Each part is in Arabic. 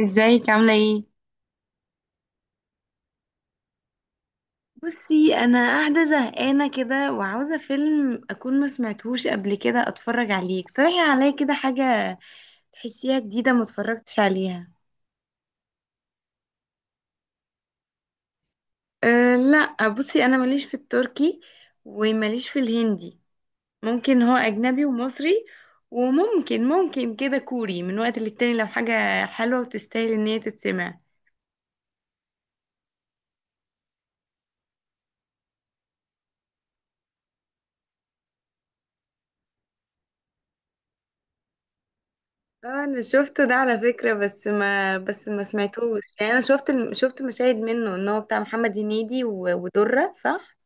ازيك عاملة ايه؟ بصي، انا قاعده زهقانه كده وعاوزه فيلم اكون ما سمعتهوش قبل كده اتفرج عليه. اقترحي عليا كده حاجه تحسيها جديده ما اتفرجتش عليها. أه لا، بصي انا ماليش في التركي، وماليش في الهندي. ممكن هو اجنبي ومصري، وممكن كده كوري من وقت للتاني لو حاجه حلوه وتستاهل ان هي تتسمع. اه انا شفته ده على فكرة، بس ما سمعتوش يعني. انا شفت شفت مشاهد منه ان هو بتاع محمد هنيدي ودرة، صح؟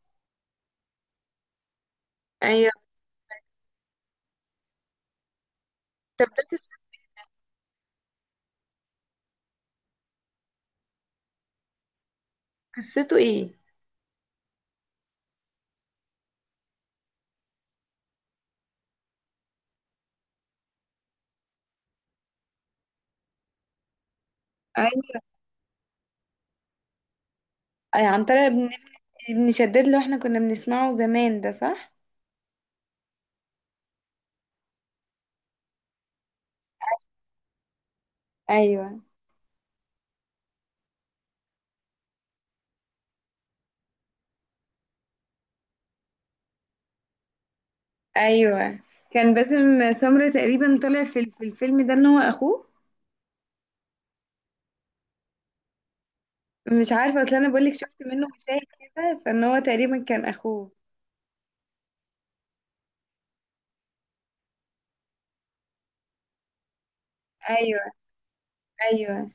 ايوه. طب ده قصته ايه؟ ايوه، أي عن طريق ابن ابن شداد اللي احنا كنا بنسمعه زمان ده، صح؟ ايوه ايوه. كان باسم سمرة تقريبا طلع في في الفيلم ده ان هو اخوه. مش عارفه، اصل انا بقولك شفت منه مشاهد كده فان هو تقريبا كان اخوه. ايوه. ايوه.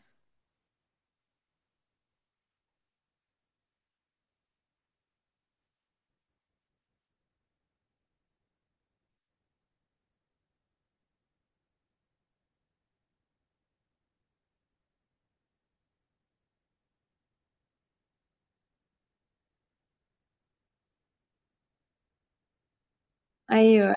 ايوه.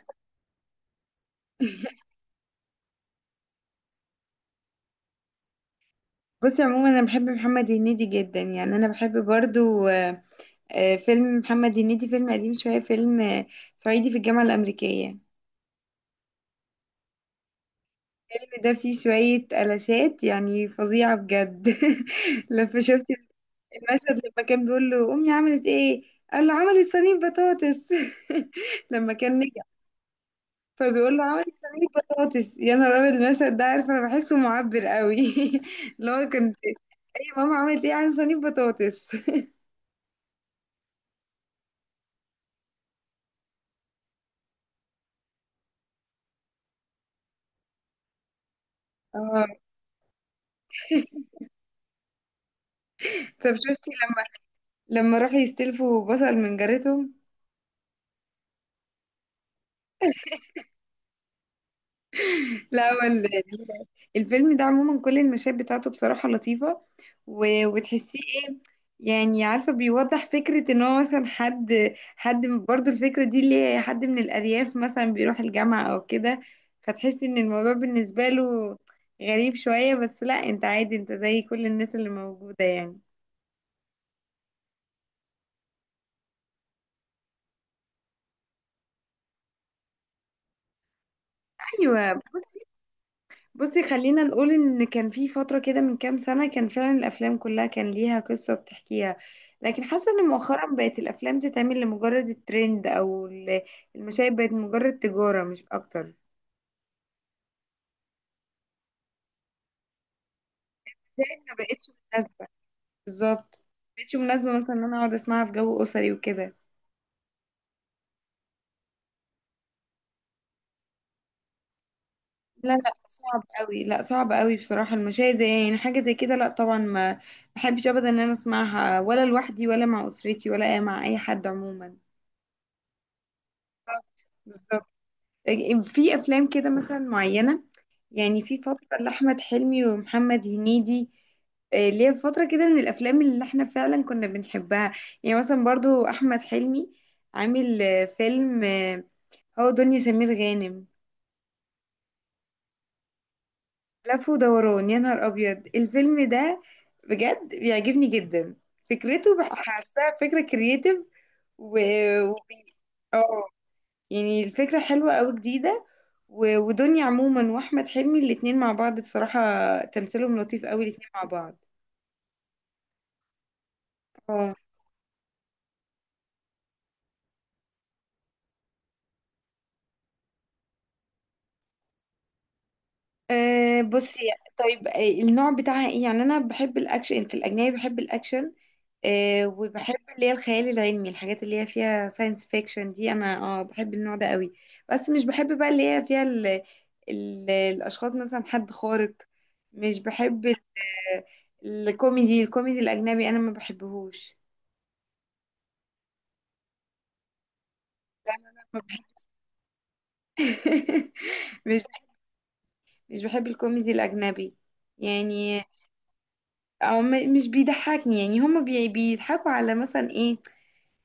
بصي، عموما انا بحب محمد هنيدي جدا يعني، انا بحب برضو فيلم محمد هنيدي، فيلم قديم شويه، فيلم صعيدي في الجامعه الامريكيه. الفيلم ده فيه شويه قلاشات يعني فظيعه بجد. لما شفتي المشهد لما كان بيقول له امي عملت ايه؟ قال له عملت صينيه بطاطس. لما كان نجح فبيقول له عملت صينيه بطاطس، يا نهار ابيض! المشهد ده عارفه أنا بحسه معبر قوي. اللي هو كنت، ايه ماما عملت ايه، عن صينيه بطاطس. اه. طب شفتي لما راحوا يستلفوا بصل من جارتهم؟ لا، هو الفيلم ده عموما كل المشاهد بتاعته بصراحة لطيفة، وتحسيه يعني، عارفة بيوضح فكرة ان هو مثلا حد برضو، الفكرة دي اللي هي حد من الأرياف مثلا بيروح الجامعة او كده، فتحس ان الموضوع بالنسبة له غريب شوية، بس لا، انت عادي، انت زي كل الناس اللي موجودة يعني. ايوه. بصي بصي، خلينا نقول ان كان في فترة كده من كام سنة كان فعلا الافلام كلها كان ليها قصة بتحكيها، لكن حاسة ان مؤخرا بقت الافلام تتعمل لمجرد الترند او المشاهد بقت مجرد تجارة مش اكتر. شايف، ما بقتش مناسبة. بالظبط، ما بقتش مناسبة مثلا ان انا اقعد اسمعها في جو اسري وكده. لا لا، صعب قوي، لا صعب قوي بصراحة. المشاهد زي يعني حاجة زي كده لا طبعا، ما بحبش ابدا ان انا اسمعها، ولا لوحدي، ولا مع اسرتي، ولا مع اي حد عموما. بالظبط. بالظبط. في افلام كده مثلا معينه، يعني في فتره لاحمد حلمي ومحمد هنيدي، ليه فتره كده من الافلام اللي احنا فعلا كنا بنحبها. يعني مثلا برضو احمد حلمي عامل فيلم، هو دنيا سمير غانم. لف ودوران، يا نهار ابيض الفيلم ده، بجد بيعجبني جدا. فكرته حاساها فكره كرييتيف، و... وبي... يعني الفكرة حلوة أوي، جديدة. ودنيا عموما وأحمد حلمي الاتنين مع بعض بصراحة تمثيلهم لطيف أوي الاتنين مع بعض. اه. بصي. طيب، النوع بتاعها ايه؟ يعني انا بحب الاكشن في الاجنبي، بحب الاكشن. وبحب اللي هي الخيال العلمي، الحاجات اللي هي فيها ساينس فيكشن دي انا اه بحب النوع ده قوي. بس مش بحب بقى اللي هي فيها ال الاشخاص مثلا حد خارق. مش بحب الكوميدي الاجنبي، انا ما بحبهوش. لا لا لا، ما بحبش. مش بحب، مش بحب الكوميدي الأجنبي يعني. أو مش بيضحكني، يعني هما بيضحكوا على مثلا إيه؟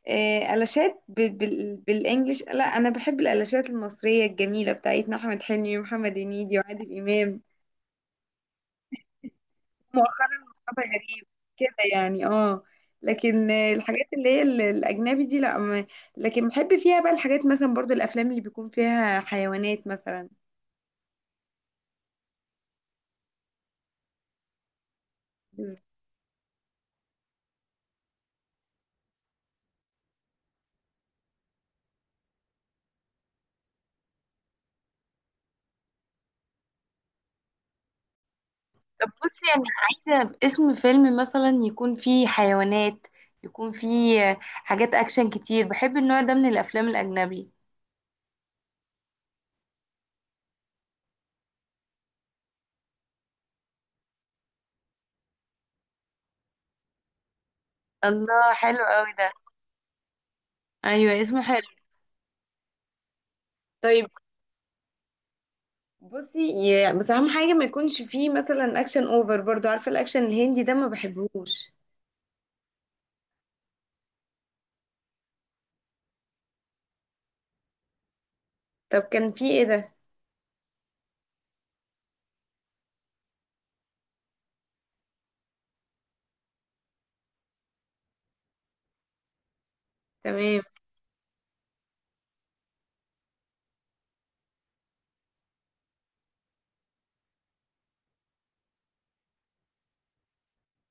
قلاشات بالإنجليش. لا، أنا بحب القلاشات المصرية الجميلة بتاعتنا، أحمد حلمي ومحمد هنيدي وعادل إمام. مؤخرا مصطفى غريب، كده يعني. اه. لكن الحاجات اللي هي الأجنبي دي لا لكن بحب فيها بقى الحاجات مثلا برضو الأفلام اللي بيكون فيها حيوانات مثلا. طب بصي، انا عايزه اسم فيلم مثلا يكون فيه حيوانات، يكون فيه حاجات اكشن كتير، بحب النوع ده من الافلام الاجنبي. الله، حلو قوي ده. ايوه اسمه حلو. طيب، بصي بس اهم حاجه ما يكونش فيه مثلا اكشن اوفر، برضو عارفه الاكشن الهندي ده ما بحبهوش. طب كان فيه ايه ده؟ تمام.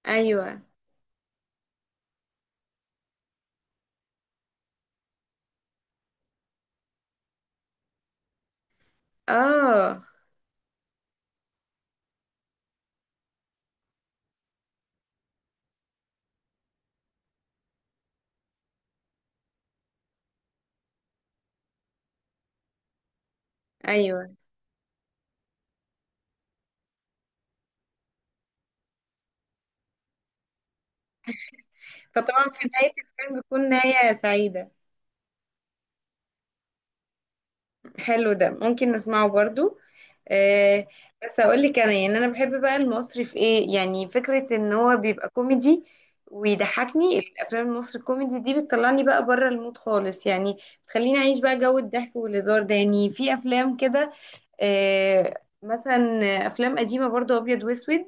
ايوه. اه. ايوه. فطبعا في نهايه الفيلم بتكون نهايه سعيده. حلو ده، ممكن نسمعه برضو. آه، بس اقول لك انا يعني، انا بحب بقى المصري في ايه، يعني فكره ان هو بيبقى كوميدي ويضحكني. الافلام المصري الكوميدي دي بتطلعني بقى بره المود خالص يعني، بتخليني اعيش بقى جو الضحك والهزار ده. يعني في افلام كده، آه، مثلا افلام قديمه برضو ابيض واسود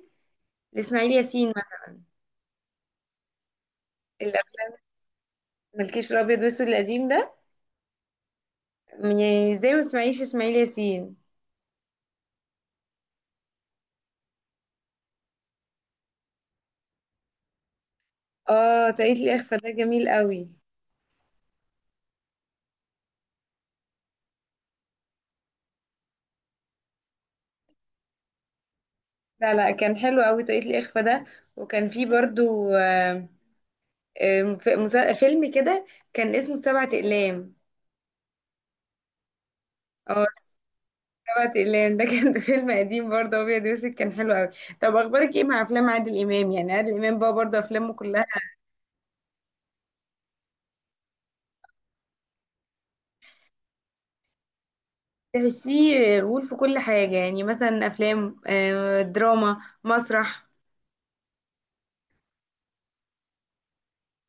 لاسماعيل ياسين مثلا. الافلام، مالكيش في الابيض واسود القديم ده؟ يعني زي ما تسمعيش اسماعيل ياسين. اه، تقيت الاخفاء ده جميل قوي. لا لا، كان حلو قوي طريقة الإخفاء ده. وكان فيه برضو فيلم كده كان اسمه سبعة أقلام. اه سبعة أقلام ده كان فيلم قديم برضه أبيض وأسود كان حلو قوي. طب أخبارك إيه مع أفلام عادل إمام؟ يعني عادل إمام بقى برضه أفلامه كلها تحسيه غول في كل حاجة. يعني مثلا أفلام دراما، مسرح.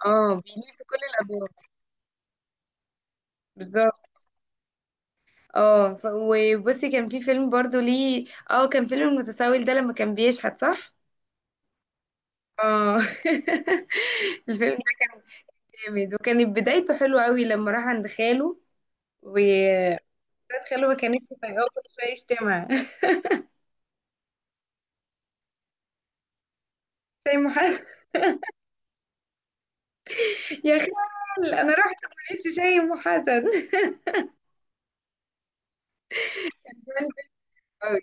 اه، بيليه في كل الأدوار. بالظبط. اه وبصي، كان في فيلم برضه ليه، اه كان فيلم المتسول ده لما كان بيشحت، صح؟ اه. الفيلم ده جامد، وكانت بدايته حلوة قوي لما راح عند خاله و بنت خاله ما كانتش طايقاه، كل شوية يشتمها. شايم حسن. يا خال انا رحت ما لقيتش شايم حسن. قوي.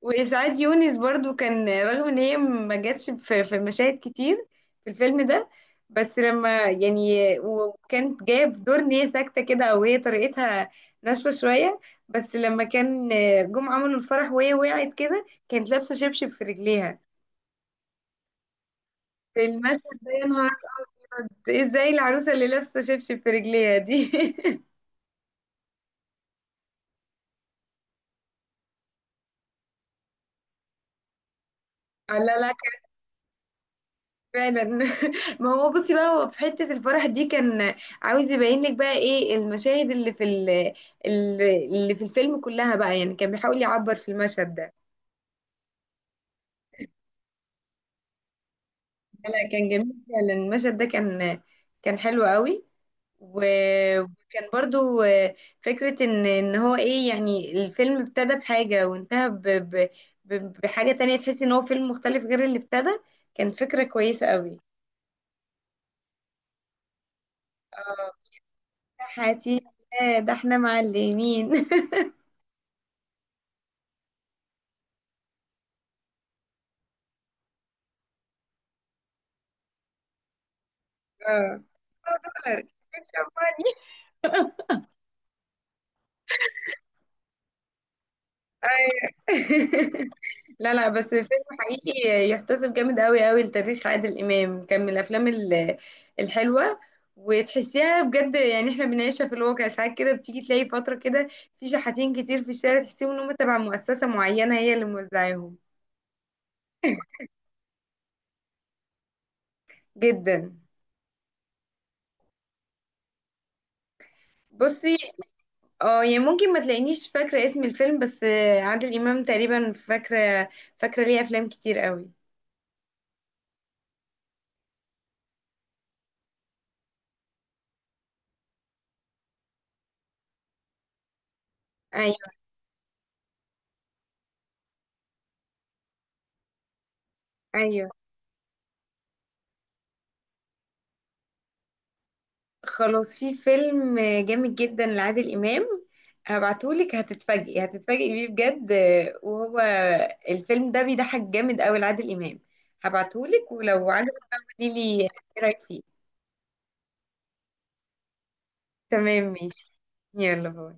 وإسعاد يونس برضو كان، رغم إن هي ما جاتش في مشاهد كتير في الفيلم ده، بس لما يعني، وكانت جاية في دور إن هي ساكتة كده أو هي طريقتها ناشفة شوية. بس لما كان جم عملوا الفرح وهي وقعت كده كانت لابسة شبشب في رجليها. في المشهد ده، يا نهار أبيض، إزاي العروسة اللي لابسة شبشب في رجليها دي؟ لا لا، فعلا. ما هو بصي بقى، هو في حتة الفرح دي كان عاوز يبين لك بقى ايه المشاهد اللي في اللي في الفيلم كلها بقى، يعني كان بيحاول يعبر في المشهد ده. لا لا، كان جميل فعلا المشهد ده كان حلو قوي. وكان برضو فكرة ان هو ايه يعني، الفيلم ابتدى بحاجة وانتهى بحاجة تانية. تحس ان هو فيلم مختلف غير اللي ابتدى، كان فكرة كويسة قوي. اه. حياتي. ده احنا معلمين. اه. هو دولار تمشي أموالي. أيوة. لا لا، بس فيلم حقيقي يحتسب جامد قوي قوي لتاريخ عادل إمام، كان من الأفلام الحلوة، وتحسيها بجد يعني احنا بنعيشها في الواقع ساعات كده. بتيجي تلاقي فترة كده في شحاتين كتير في الشارع تحسيهم ان هم تبع مؤسسة معينة هي اللي موزعاهم. جدا. بصي اه يعني، ممكن ما تلاقينيش فاكرة اسم الفيلم، بس عادل إمام تقريبا فاكرة، فاكرة ليه أفلام كتير قوي. ايوه. ايوه. خلاص. في فيلم جامد جدا لعادل إمام هبعتهولك، هتتفاجئي هتتفاجئي بيه بجد. وهو الفيلم ده بيضحك جامد قوي لعادل إمام، هبعتهولك ولو عجبك بقى قوليلي ايه رأيك فيه. تمام ماشي. يلا باي.